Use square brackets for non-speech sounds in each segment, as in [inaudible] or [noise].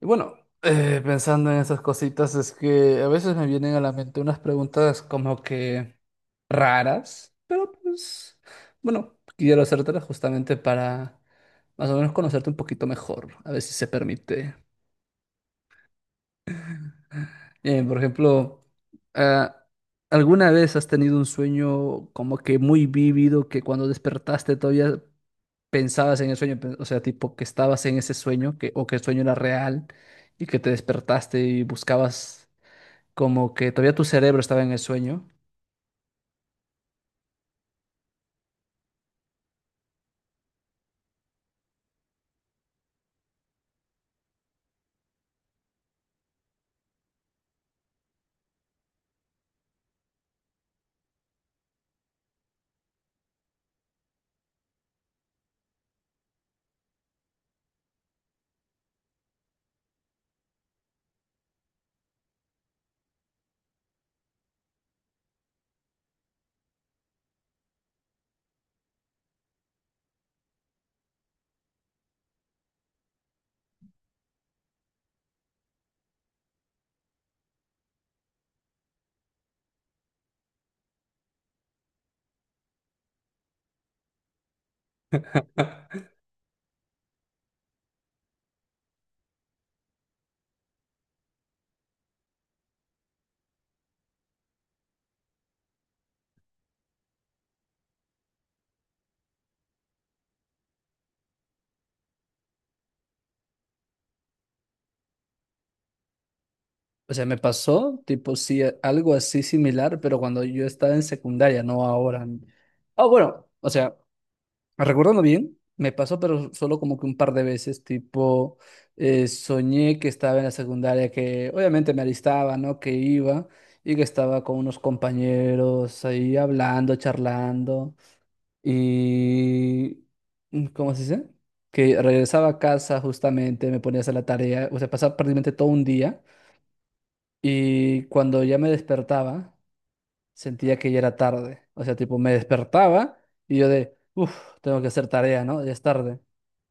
Y bueno, pensando en esas cositas, es que a veces me vienen a la mente unas preguntas como que raras, pero pues, bueno, quiero hacértelas justamente para más o menos conocerte un poquito mejor, a ver si se permite. Por ejemplo, ah, ¿alguna vez has tenido un sueño como que muy vívido que cuando despertaste todavía pensabas en el sueño? O sea, tipo que estabas en ese sueño que, o que el sueño era real y que te despertaste y buscabas como que todavía tu cerebro estaba en el sueño. O sea, me pasó, tipo, sí, algo así similar, pero cuando yo estaba en secundaria, no ahora. Ah, bueno, o sea, recordando bien, me pasó, pero solo como que un par de veces, tipo, soñé que estaba en la secundaria, que obviamente me alistaba, ¿no? Que iba y que estaba con unos compañeros ahí hablando, charlando. Y, ¿cómo se dice? Que regresaba a casa justamente, me ponía a hacer la tarea, o sea, pasaba prácticamente todo un día. Y cuando ya me despertaba, sentía que ya era tarde. O sea, tipo, me despertaba y yo de, uff, tengo que hacer tarea, ¿no? Ya es tarde.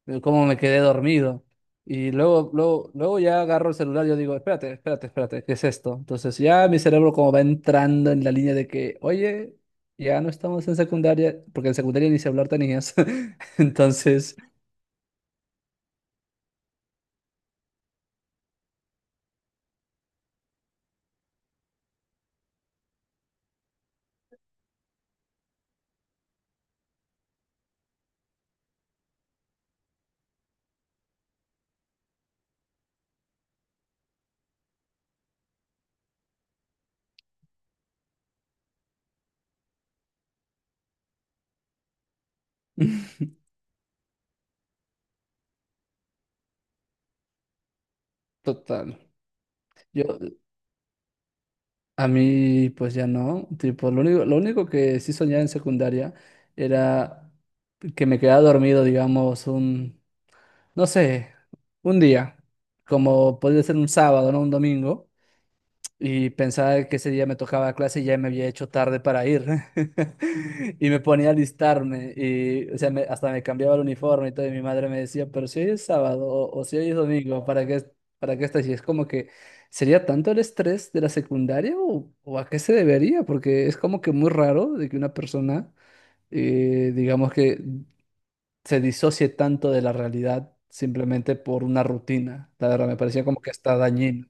Pero ¿cómo me quedé dormido? Y luego, luego, luego ya agarro el celular y yo digo, espérate, espérate, espérate, ¿qué es esto? Entonces ya mi cerebro como va entrando en la línea de que, oye, ya no estamos en secundaria, porque en secundaria ni se hablar tenías. [laughs] Entonces, total. Yo, A mí, pues ya no. Tipo, lo único que sí soñaba en secundaria era que me quedaba dormido, digamos, un, no sé, un día, como podría ser un sábado, ¿no? Un domingo. Y pensaba que ese día me tocaba clase y ya me había hecho tarde para ir. [laughs] Y me ponía a alistarme y, o sea, hasta me cambiaba el uniforme y todo. Y mi madre me decía, pero si hoy es sábado o si hoy es domingo, para qué estás? Y es como que, ¿sería tanto el estrés de la secundaria o a qué se debería? Porque es como que muy raro de que una persona, digamos que se disocie tanto de la realidad simplemente por una rutina. La verdad, me parecía como que está dañino.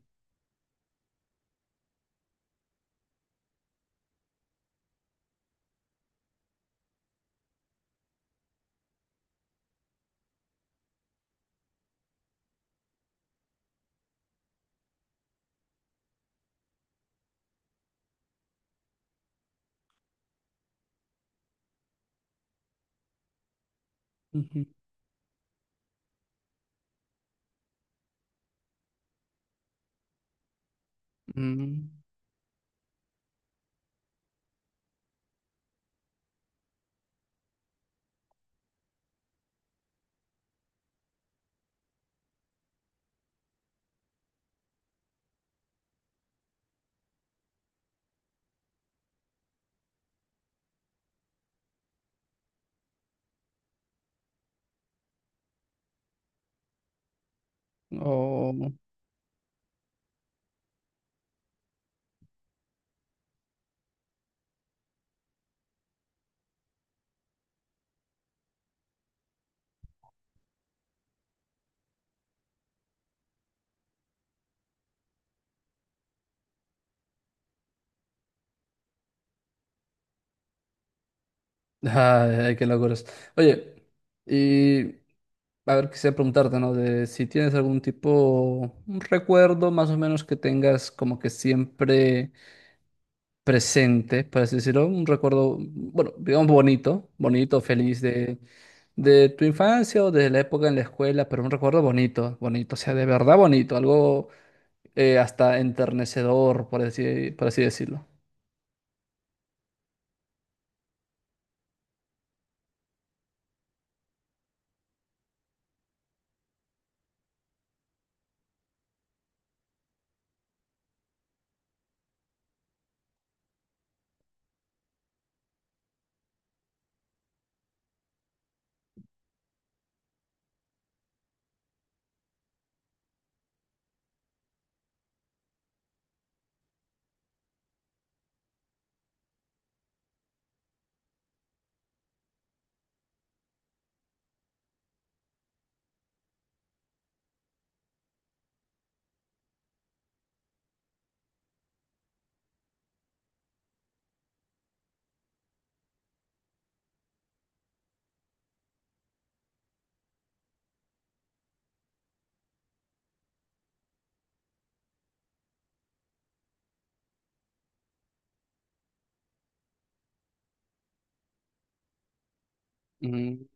Ujú. Mm. Oh, ay, ay, qué locuras. Oye, y a ver, quisiera preguntarte, ¿no? De si tienes algún tipo, un recuerdo más o menos que tengas como que siempre presente, por así decirlo, un recuerdo, bueno, digamos bonito, bonito, feliz de tu infancia o de la época en la escuela, pero un recuerdo bonito, bonito, o sea, de verdad bonito, algo hasta enternecedor, por así decirlo. Mm,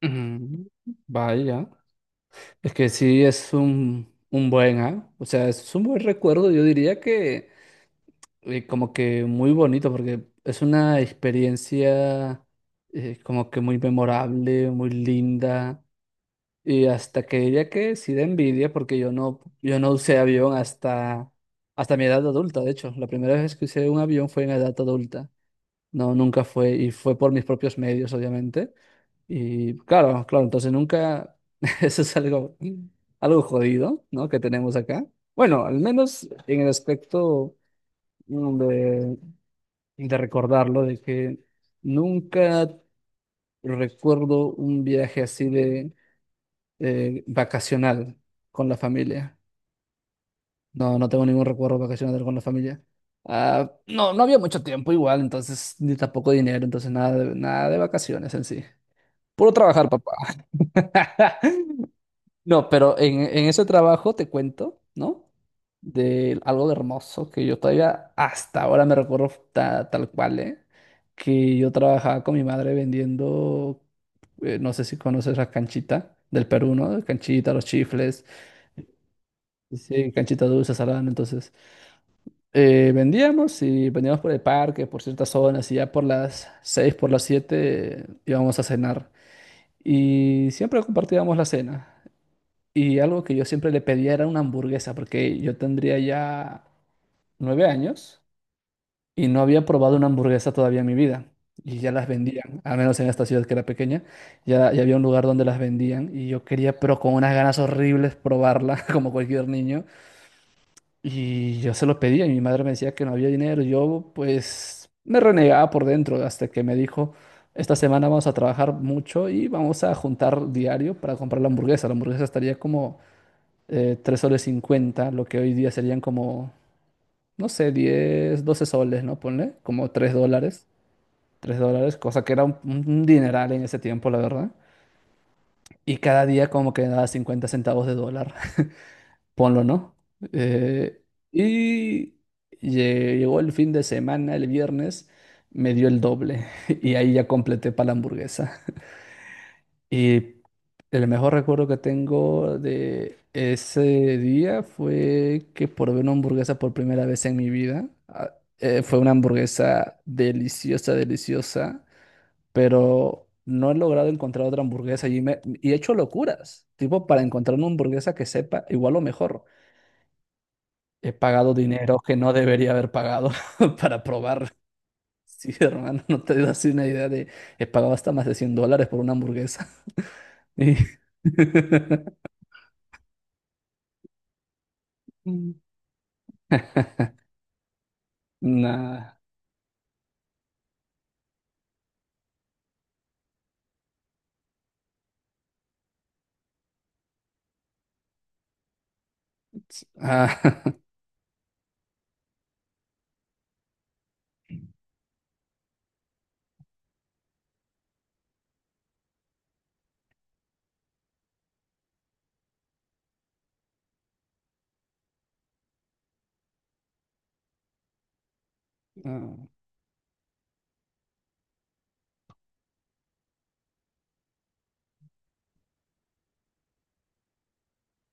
mm, Vaya. Es que sí es un buen, ¿ah? O sea, es un buen recuerdo, yo diría que como que muy bonito, porque es una experiencia como que muy memorable, muy linda, y hasta que diría que sí da envidia, porque yo no usé avión hasta, hasta mi edad adulta, de hecho, la primera vez que usé un avión fue en edad adulta, no, nunca fue, y fue por mis propios medios, obviamente. Y claro, claro, entonces nunca, [laughs] eso es algo, algo jodido, ¿no? Que tenemos acá. Bueno, al menos en el aspecto mm, de, de, recordarlo, de que nunca recuerdo un viaje así de vacacional con la familia. No, no tengo ningún recuerdo vacacional con la familia. Ah, no, no había mucho tiempo igual, entonces, ni tampoco dinero, entonces nada de, nada de vacaciones en sí. Puro trabajar, papá. [laughs] No, pero en ese trabajo te cuento, ¿no? De algo de hermoso que yo todavía hasta ahora me recuerdo tal cual, ¿eh? Que yo trabajaba con mi madre vendiendo, no sé si conoces la canchita del Perú, ¿no? Canchita, los chifles, sí, canchita dulce, salada, ¿no? Entonces, vendíamos y vendíamos por el parque, por ciertas zonas y ya por las 6, por las 7 íbamos a cenar. Y siempre compartíamos la cena. Y algo que yo siempre le pedía era una hamburguesa, porque yo tendría ya 9 años y no había probado una hamburguesa todavía en mi vida. Y ya las vendían, al menos en esta ciudad que era pequeña, ya, ya había un lugar donde las vendían y yo quería, pero con unas ganas horribles, probarla [laughs] como cualquier niño. Y yo se lo pedía y mi madre me decía que no había dinero. Yo pues me renegaba por dentro hasta que me dijo, esta semana vamos a trabajar mucho y vamos a juntar diario para comprar la hamburguesa. La hamburguesa estaría como 3 soles cincuenta lo que hoy día serían como, no sé, 10 12 soles, ¿no? Ponle, como 3 dólares, cosa que era un dineral en ese tiempo, la verdad. Y cada día como que daba 50 centavos de dólar, [laughs] ponlo, ¿no? Eh, y llegó el fin de semana, el viernes, me dio el doble [laughs] y ahí ya completé para la hamburguesa. Y el mejor recuerdo que tengo de ese día fue que probé una hamburguesa por primera vez en mi vida. Ah, fue una hamburguesa deliciosa, deliciosa, pero no he logrado encontrar otra hamburguesa y, y he hecho locuras, tipo para encontrar una hamburguesa que sepa igual o mejor. He pagado dinero que no debería haber pagado [laughs] para probar. Sí, hermano, no te das una idea de... He pagado hasta más de 100 dólares por una hamburguesa. [laughs] Y- [laughs] Nah. Ah, [laughs] no,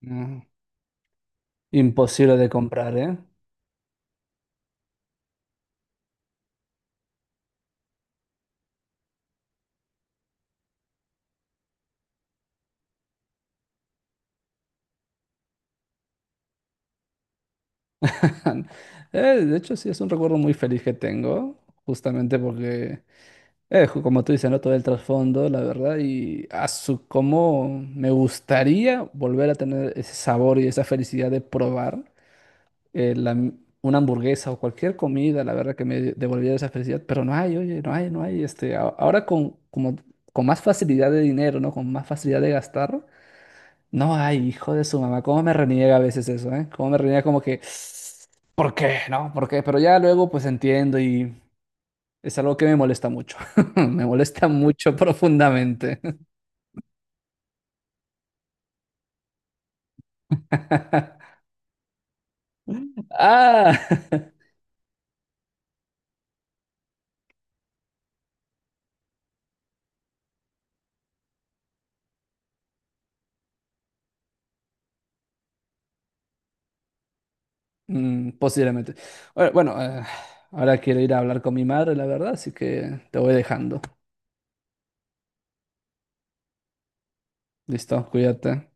no. Imposible de comprar, ¿eh? [laughs] Eh, de hecho, sí, es un recuerdo muy feliz que tengo, justamente porque, como tú dices, ¿no? Todo el trasfondo, la verdad, y a su cómo me gustaría volver a tener ese sabor y esa felicidad de probar eh, la m- una hamburguesa o cualquier comida, la verdad, que me devolviera esa felicidad, pero no hay, oye, no hay, ahora con, como, con más facilidad de dinero, ¿no? Con más facilidad de gastar. No, ay, hijo de su mamá, cómo me reniega a veces eso, ¿eh? Cómo me reniega como que, ¿por qué? No, ¿por qué? Pero ya luego pues entiendo y es algo que me molesta mucho. [laughs] Me molesta mucho profundamente. [laughs] Ah, [laughs] posiblemente. Bueno, bueno, ahora quiero ir a hablar con mi madre, la verdad, así que te voy dejando. Listo, cuídate.